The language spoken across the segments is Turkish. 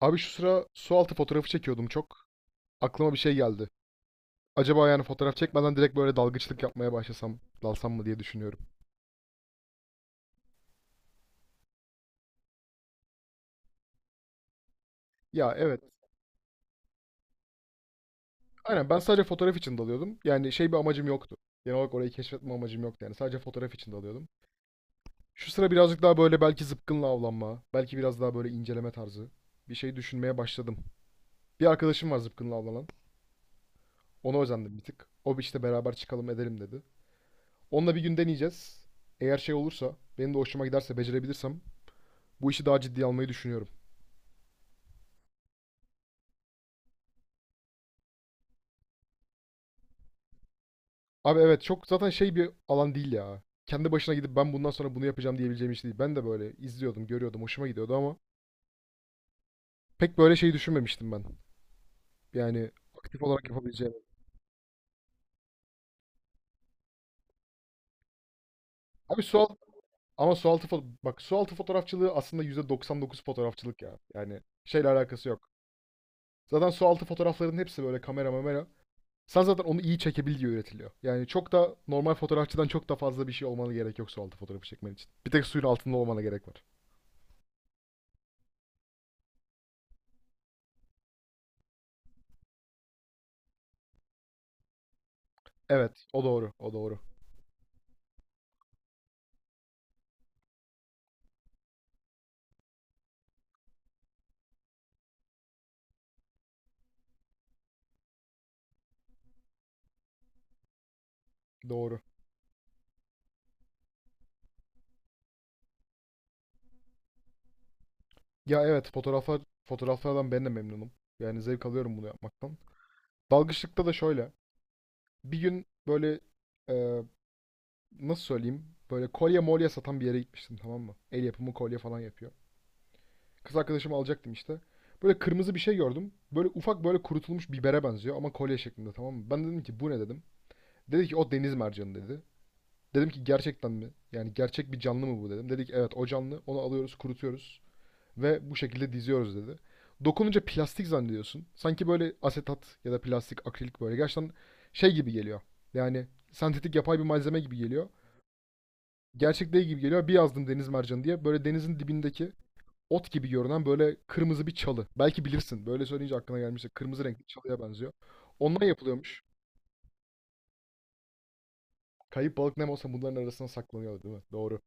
Abi şu sıra su altı fotoğrafı çekiyordum çok. Aklıma bir şey geldi. Acaba yani fotoğraf çekmeden direkt böyle dalgıçlık yapmaya başlasam, dalsam mı diye düşünüyorum. Ya evet. Aynen ben sadece fotoğraf için dalıyordum. Yani şey bir amacım yoktu. Genel olarak orayı keşfetme amacım yoktu yani. Sadece fotoğraf için dalıyordum. Şu sıra birazcık daha böyle belki zıpkınla avlanma, belki biraz daha böyle inceleme tarzı bir şey düşünmeye başladım. Bir arkadaşım var zıpkınla avlanan. Ona özendim bir tık. O bir işte beraber çıkalım edelim dedi. Onunla bir gün deneyeceğiz. Eğer şey olursa, benim de hoşuma giderse, becerebilirsem bu işi daha ciddiye almayı düşünüyorum. Abi evet çok zaten şey bir alan değil ya. Kendi başına gidip ben bundan sonra bunu yapacağım diyebileceğim iş değil. Ben de böyle izliyordum, görüyordum, hoşuma gidiyordu ama pek böyle şey düşünmemiştim ben. Yani aktif olarak yapabileceğim. Abi su altı ama su altı bak su altı fotoğrafçılığı aslında %99 fotoğrafçılık ya. Yani şeyle alakası yok. Zaten su altı fotoğrafların hepsi böyle kamera mamera. Sen zaten onu iyi çekebil diye üretiliyor. Yani çok da normal fotoğrafçıdan çok da fazla bir şey olmanı gerek yok su altı fotoğrafı çekmen için. Bir tek suyun altında olmana gerek var. Evet, o doğru, o doğru. Doğru. Ya evet, fotoğraflar fotoğraflardan ben de memnunum. Yani zevk alıyorum bunu yapmaktan. Dalgıçlıkta da şöyle. Bir gün böyle e, nasıl söyleyeyim? Böyle kolye molye satan bir yere gitmiştim, tamam mı? El yapımı kolye falan yapıyor. Kız arkadaşımı alacaktım işte. Böyle kırmızı bir şey gördüm. Böyle ufak böyle kurutulmuş bibere benziyor ama kolye şeklinde, tamam mı? Ben dedim ki bu ne dedim. Dedi ki o deniz mercanı dedi. Dedim ki gerçekten mi? Yani gerçek bir canlı mı bu dedim. Dedik evet o canlı. Onu alıyoruz, kurutuyoruz ve bu şekilde diziyoruz dedi. Dokununca plastik zannediyorsun. Sanki böyle asetat ya da plastik, akrilik böyle gerçekten şey gibi geliyor. Yani sentetik yapay bir malzeme gibi geliyor. Gerçek değil gibi geliyor. Bir yazdım deniz mercanı diye. Böyle denizin dibindeki ot gibi görünen böyle kırmızı bir çalı. Belki bilirsin. Böyle söyleyince aklına gelmişse kırmızı renkli çalıya benziyor. Ondan yapılıyormuş. Kayıp balık ne olsa bunların arasına saklanıyor değil mi? Doğru.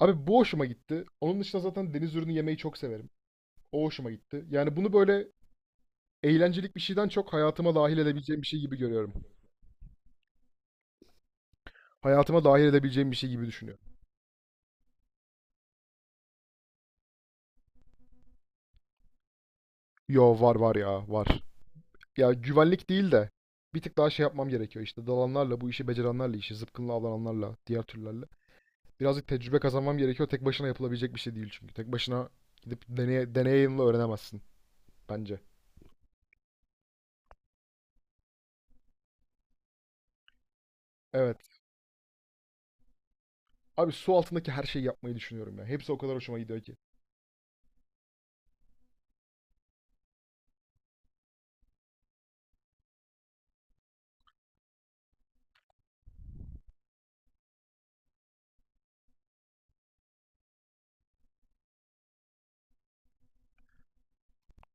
Abi bu hoşuma gitti. Onun dışında zaten deniz ürünü yemeyi çok severim. O hoşuma gitti. Yani bunu böyle eğlencelik bir şeyden çok hayatıma dahil edebileceğim bir şey gibi görüyorum. Hayatıma dahil edebileceğim bir şey gibi düşünüyorum. Yo var ya var. Ya güvenlik değil de bir tık daha şey yapmam gerekiyor işte dalanlarla bu işi becerenlerle işi zıpkınla avlananlarla diğer türlerle. Birazcık tecrübe kazanmam gerekiyor. Tek başına yapılabilecek bir şey değil çünkü. Tek başına gidip deneye, deneyimle öğrenemezsin bence. Evet. Abi su altındaki her şeyi yapmayı düşünüyorum ya. Hepsi o kadar hoşuma gidiyor ki.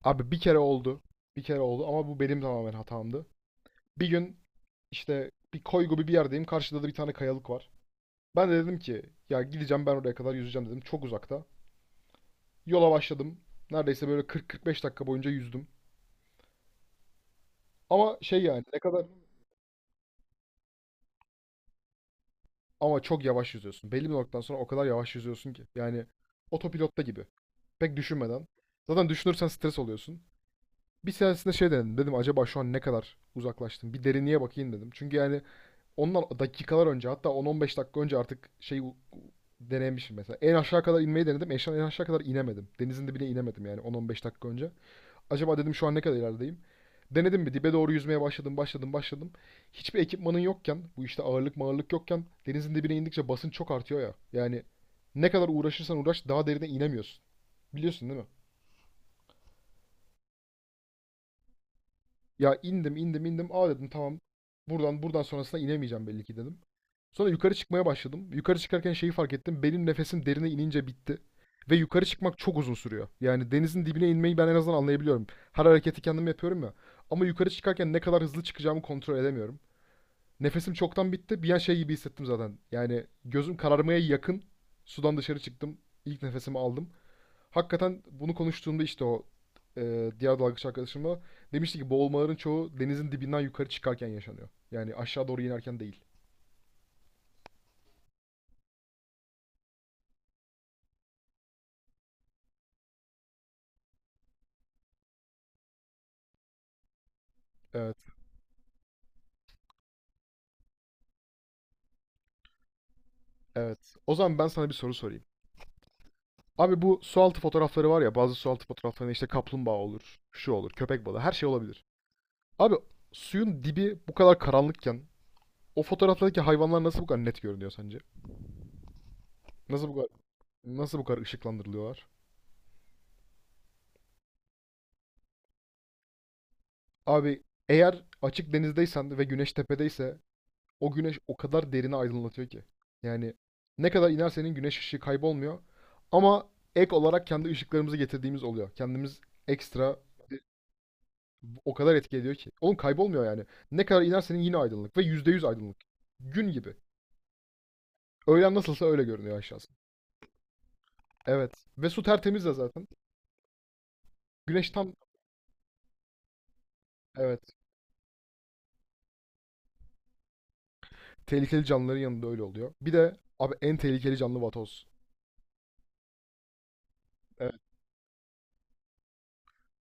Abi bir kere oldu. Bir kere oldu ama bu benim tamamen hatamdı. Bir gün İşte bir koy gibi bir yerdeyim. Karşıda da bir tane kayalık var. Ben de dedim ki ya gideceğim ben oraya kadar yüzeceğim dedim. Çok uzakta. Yola başladım. Neredeyse böyle 40-45 dakika boyunca yüzdüm. Ama şey yani ne kadar ama çok yavaş yüzüyorsun. Belli bir noktadan sonra o kadar yavaş yüzüyorsun ki. Yani otopilotta gibi. Pek düşünmeden. Zaten düşünürsen stres oluyorsun. Bir seansında şey dedim. Dedim acaba şu an ne kadar uzaklaştım? Bir derinliğe bakayım dedim. Çünkü yani ondan dakikalar önce hatta 10-15 dakika önce artık şey denemişim mesela. En aşağı kadar inmeyi denedim. En aşağı kadar inemedim. Denizin dibine inemedim yani 10-15 dakika önce. Acaba dedim şu an ne kadar ilerideyim? Denedim bir dibe doğru yüzmeye başladım. Hiçbir ekipmanın yokken, bu işte ağırlık mağırlık yokken denizin dibine indikçe basınç çok artıyor ya. Yani ne kadar uğraşırsan uğraş daha derine inemiyorsun. Biliyorsun değil mi? Ya indim. Aa dedim tamam. Buradan sonrasına inemeyeceğim belli ki dedim. Sonra yukarı çıkmaya başladım. Yukarı çıkarken şeyi fark ettim. Benim nefesim derine inince bitti. Ve yukarı çıkmak çok uzun sürüyor. Yani denizin dibine inmeyi ben en azından anlayabiliyorum. Her hareketi kendim yapıyorum ya. Ama yukarı çıkarken ne kadar hızlı çıkacağımı kontrol edemiyorum. Nefesim çoktan bitti. Bir an şey gibi hissettim zaten. Yani gözüm kararmaya yakın. Sudan dışarı çıktım. İlk nefesimi aldım. Hakikaten bunu konuştuğumda işte o diğer dalgıç arkadaşımla demişti ki boğulmaların çoğu denizin dibinden yukarı çıkarken yaşanıyor. Yani aşağı doğru inerken değil. Ee, Evet. O zaman ben sana bir soru sorayım. Abi bu sualtı fotoğrafları var ya bazı sualtı fotoğraflarında işte kaplumbağa olur, şu olur, köpek balığı her şey olabilir. Abi suyun dibi bu kadar karanlıkken o fotoğraflardaki hayvanlar nasıl bu kadar net görünüyor sence? Nasıl bu kadar, nasıl bu kadar ışıklandırılıyorlar? Abi eğer açık denizdeysen ve güneş tepedeyse o güneş o kadar derine aydınlatıyor ki. Yani ne kadar inersenin güneş ışığı kaybolmuyor ama ek olarak kendi ışıklarımızı getirdiğimiz oluyor. Kendimiz ekstra. O kadar etki ediyor ki. Oğlum kaybolmuyor yani. Ne kadar inersen yine aydınlık ve %100 aydınlık. Gün gibi. Öğlen nasılsa öyle görünüyor aşağısı. Evet. Ve su tertemiz de zaten. Güneş tam evet. Tehlikeli canlıların yanında öyle oluyor. Bir de abi en tehlikeli canlı vatoz. Evet.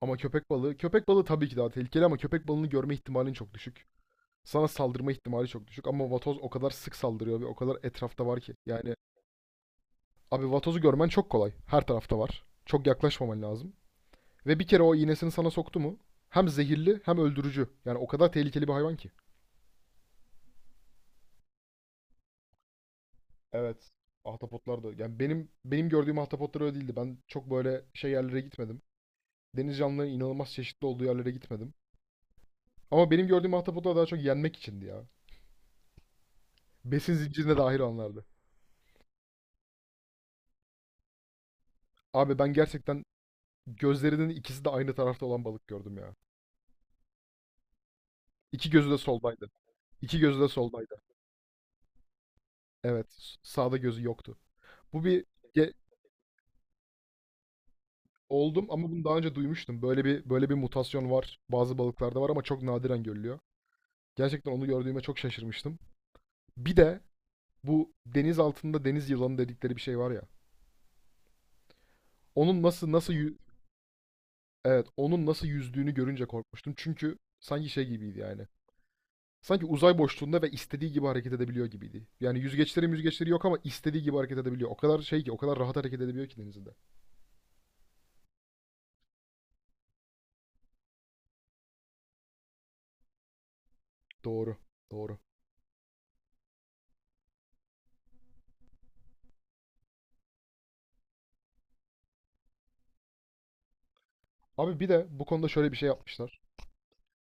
Ama köpek balığı tabii ki daha tehlikeli ama köpek balığını görme ihtimalin çok düşük. Sana saldırma ihtimali çok düşük ama vatoz o kadar sık saldırıyor ve o kadar etrafta var ki. Yani abi vatozu görmen çok kolay. Her tarafta var. Çok yaklaşmaman lazım. Ve bir kere o iğnesini sana soktu mu hem zehirli hem öldürücü. Yani o kadar tehlikeli bir hayvan ki. Evet. Ahtapotlar da. Yani benim gördüğüm ahtapotlar öyle değildi. Ben çok böyle şey yerlere gitmedim. Deniz canlılarının inanılmaz çeşitli olduğu yerlere gitmedim. Ama benim gördüğüm ahtapotlar daha çok yenmek içindi ya. Besin zincirine dahil olanlardı. Abi ben gerçekten gözlerinin ikisi de aynı tarafta olan balık gördüm ya. İki gözü de soldaydı. İki gözü de soldaydı. Evet. Sağda gözü yoktu. Bu bir ge- oldum ama bunu daha önce duymuştum. Böyle bir mutasyon var. Bazı balıklarda var ama çok nadiren görülüyor. Gerçekten onu gördüğüme çok şaşırmıştım. Bir de bu deniz altında deniz yılanı dedikleri bir şey var ya. Onun evet onun nasıl yüzdüğünü görünce korkmuştum. Çünkü sanki şey gibiydi yani. Sanki uzay boşluğunda ve istediği gibi hareket edebiliyor gibiydi. Yani yüzgeçleri yok ama istediği gibi hareket edebiliyor. O kadar şey ki o kadar rahat hareket edebiliyor ki denizde. Doğru. Doğru. Abi bir de bu konuda şöyle bir şey yapmışlar.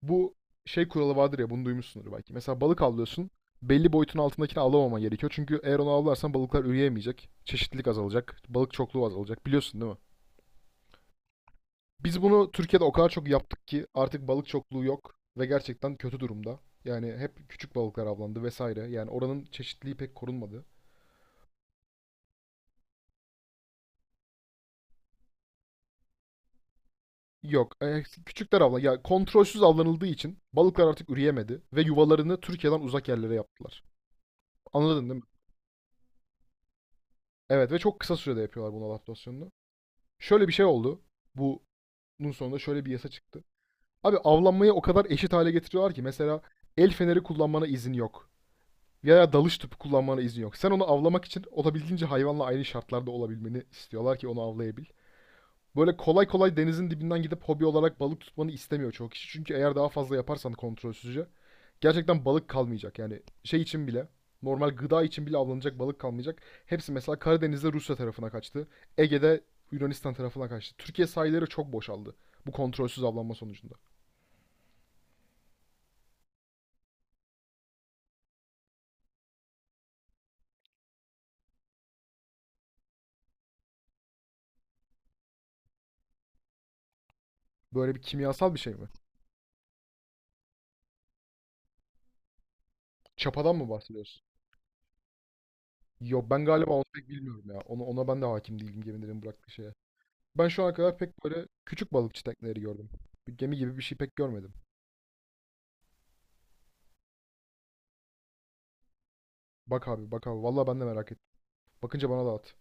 Bu şey kuralı vardır ya bunu duymuşsundur belki. Mesela balık avlıyorsun. Belli boyutun altındakini avlamaman gerekiyor. Çünkü eğer onu avlarsan balıklar üreyemeyecek. Çeşitlilik azalacak. Balık çokluğu azalacak. Biliyorsun değil mi? Biz bunu Türkiye'de o kadar çok yaptık ki artık balık çokluğu yok ve gerçekten kötü durumda. Yani hep küçük balıklar avlandı vesaire. Yani oranın çeşitliliği pek korunmadı. Yok. Küçükler avlan. Ya kontrolsüz avlanıldığı için balıklar artık üreyemedi ve yuvalarını Türkiye'den uzak yerlere yaptılar. Anladın değil mi? Evet ve çok kısa sürede yapıyorlar bunu adaptasyonunu. Şöyle bir şey oldu. Bunun sonunda şöyle bir yasa çıktı. Abi avlanmayı o kadar eşit hale getiriyorlar ki mesela el feneri kullanmana izin yok. Veya dalış tüpü kullanmana izin yok. Sen onu avlamak için olabildiğince hayvanla aynı şartlarda olabilmeni istiyorlar ki onu avlayabil. Böyle kolay kolay denizin dibinden gidip hobi olarak balık tutmanı istemiyor çoğu kişi. Çünkü eğer daha fazla yaparsan kontrolsüzce gerçekten balık kalmayacak. Yani şey için bile normal gıda için bile avlanacak balık kalmayacak. Hepsi mesela Karadeniz'de Rusya tarafına kaçtı. Ege'de Yunanistan tarafına kaçtı. Türkiye sahilleri çok boşaldı bu kontrolsüz avlanma sonucunda. Böyle bir kimyasal bir şey mi? Çapadan mı bahsediyorsun? Yok ben galiba onu pek bilmiyorum ya. Onu, ona ben de hakim değilim gemilerin bıraktığı şeye. Ben şu ana kadar pek böyle küçük balıkçı tekneleri gördüm. Bir gemi gibi bir şey pek görmedim. Bak abi bak abi. Vallahi ben de merak ettim. Bakınca bana da at.